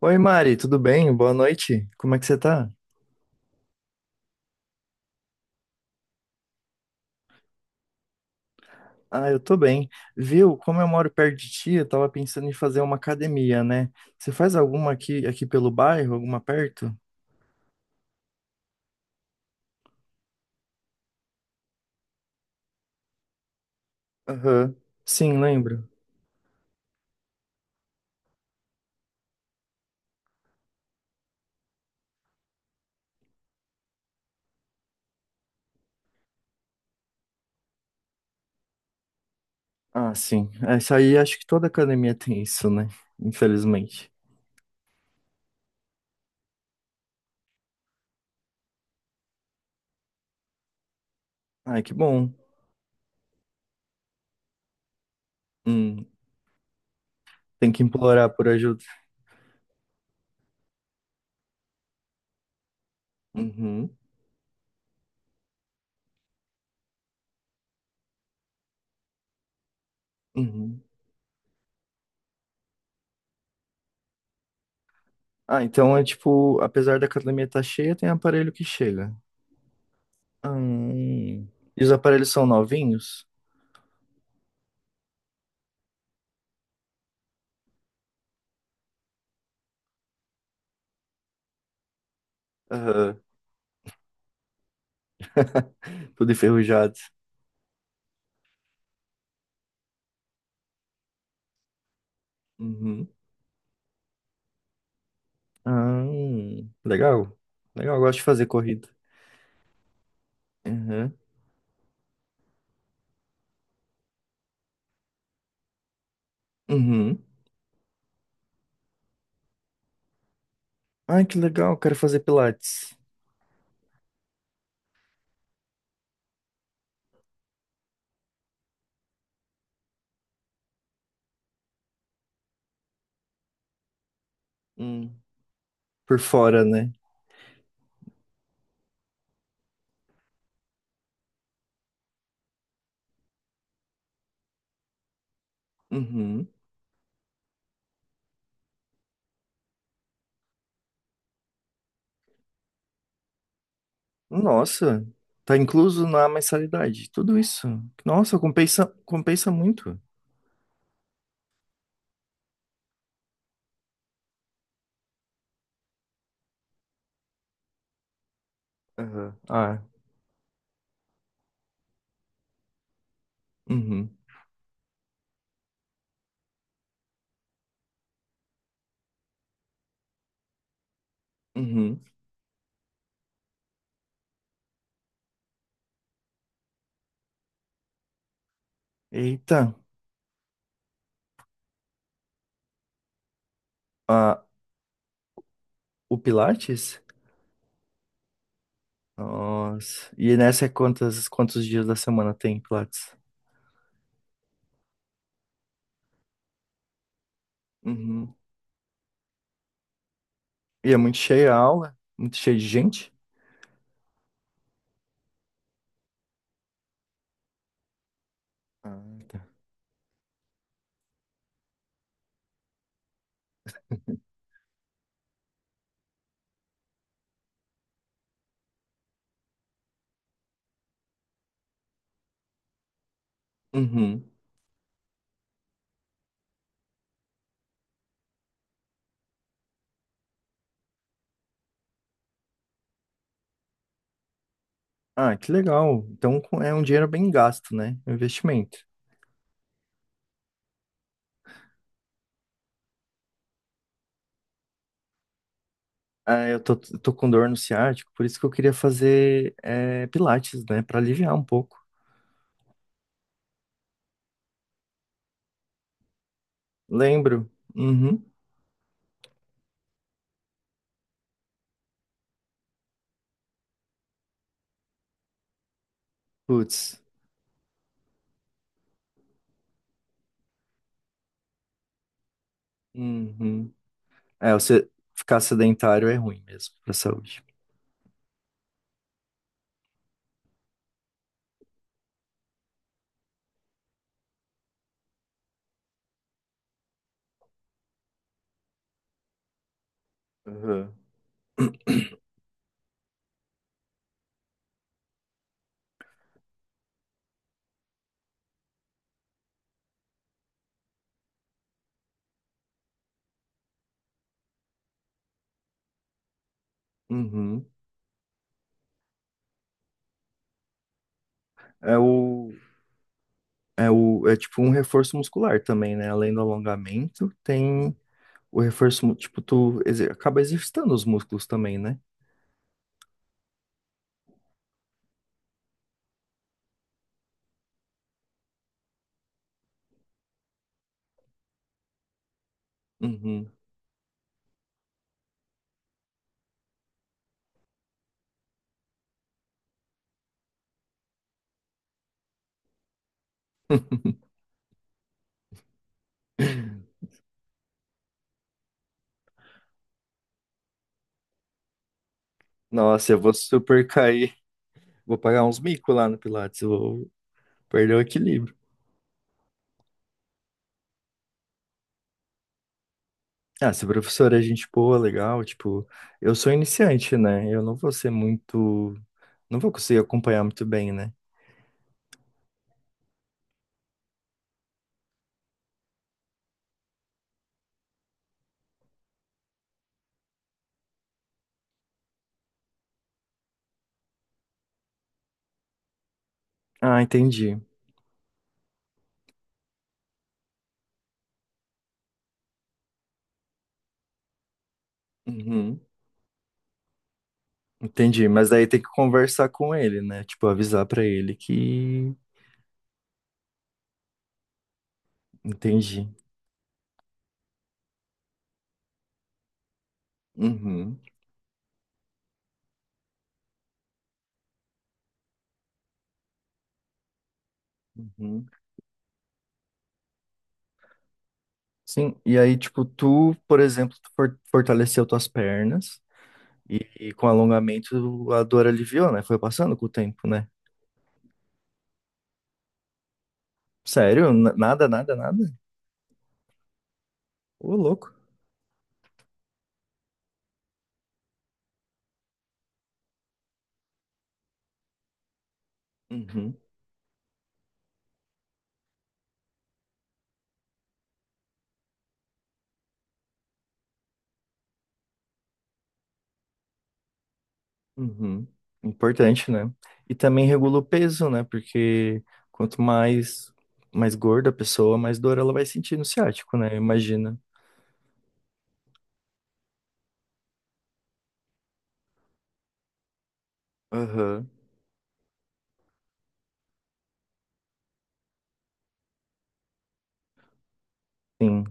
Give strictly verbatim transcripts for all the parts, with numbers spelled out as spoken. Oi, Mari, tudo bem? Boa noite. Como é que você tá? Ah, eu tô bem. Viu? Como eu moro perto de ti, eu tava pensando em fazer uma academia, né? Você faz alguma aqui, aqui pelo bairro, alguma perto? Aham. Sim, lembro. Ah, sim. Essa aí acho que toda academia tem isso, né? Infelizmente. Ai, que bom. Hum, tem que implorar por ajuda. Uhum, uhum. Ah, então é tipo, apesar da academia estar cheia, tem aparelho que chega. Hum. E os aparelhos são novinhos? Tudo enferrujado. Uhum. Ah, legal. Legal, eu gosto de fazer corrida. Uhum. Uhum. Ai, que legal, quero fazer pilates. Hum. Por fora, né? Uhum. Nossa, tá incluso na mensalidade, tudo isso. Nossa, compensa, compensa muito. Aham. Ah, uhum. Uhum. Eita, ah, o pilates? Nossa, e nessa é quantas, quantos dias da semana tem pilates? Uhum. E é muito cheia a aula, muito cheia de gente? Ah, tá. Uhum. Ah, que legal. Então com- é um dinheiro bem gasto, né? É um investimento. Ah, eu tô, tô com dor no ciático, por isso que eu queria fazer é, pilates, né? Pra aliviar um pouco. Lembro. Uhum. Putz. Uhum. É, você ficar sedentário é ruim mesmo pra saúde. Uhum. Uhum. É o, é o, é tipo um reforço muscular também, né? Além do alongamento, tem o reforço, mu- tipo, tu exer- acaba exercitando os músculos também, né? Uhum. Nossa, eu vou super cair. Vou pagar uns mico lá no Pilates, eu vou perder o equilíbrio. Ah, se a professora é gente boa, legal, tipo, eu sou iniciante, né? Eu não vou ser muito. Não vou conseguir acompanhar muito bem, né? Ah, entendi. Uhum. Entendi, mas daí tem que conversar com ele, né? Tipo, avisar pra ele que. Entendi. Uhum. Uhum. Sim, e aí, tipo, tu, por exemplo, tu for- fortaleceu tuas pernas e, e com alongamento a dor aliviou, né? Foi passando com o tempo, né? Sério? N- Nada, nada, nada? Ô, louco. Uhum, uhum. Importante, né? E também regula o peso, né? Porque quanto mais mais gorda a pessoa, mais dor ela vai sentir no ciático, né? Imagina. Aham. Sim,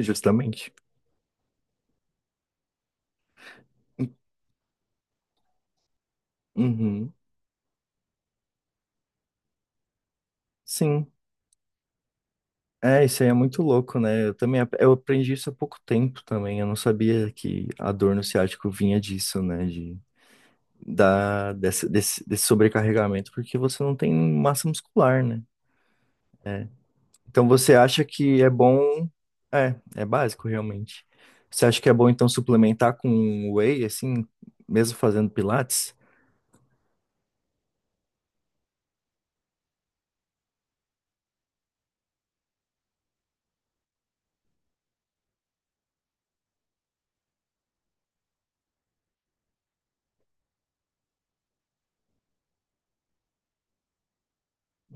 justamente. Uhum. Sim. É, isso aí é muito louco, né? Eu também ap- eu aprendi isso há pouco tempo também. Eu não sabia que a dor no ciático vinha disso, né? De, da, desse, desse, desse sobrecarregamento, porque você não tem massa muscular, né? Então você acha que é bom. É, é básico realmente. Você acha que é bom então suplementar com whey, assim, mesmo fazendo pilates?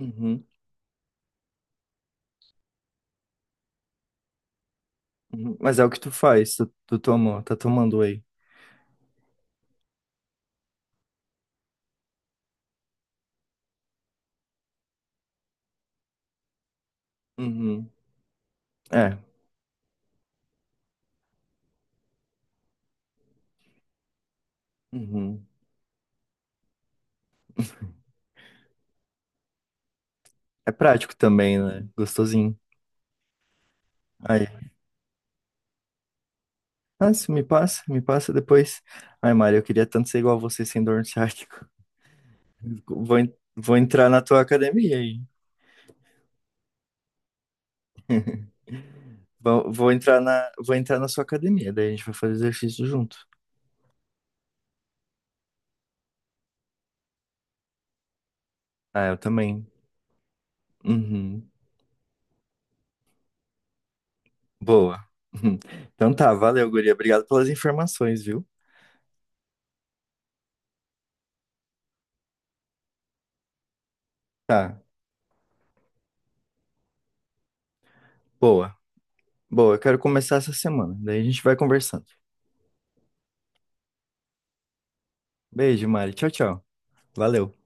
Uhum, uhum. Mas é o que tu faz, tu, tu toma, tá tomando whey. Uhum. É. Uhum. É prático também, né? Gostosinho. Aí. Ah, se me passa, me passa depois. Ai, Mário, eu queria tanto ser igual a você sem dor no ciático. Vou, en- vou entrar na tua academia aí. Vou, vou entrar na, vou entrar na sua academia, daí a gente vai fazer exercício junto. Ah, eu também. Uhum. Boa. Uhum. Então tá, valeu, guria. Obrigado pelas informações, viu? Tá, boa. Boa, eu quero começar essa semana. Daí a gente vai conversando. Beijo, Mari. Tchau, tchau. Valeu.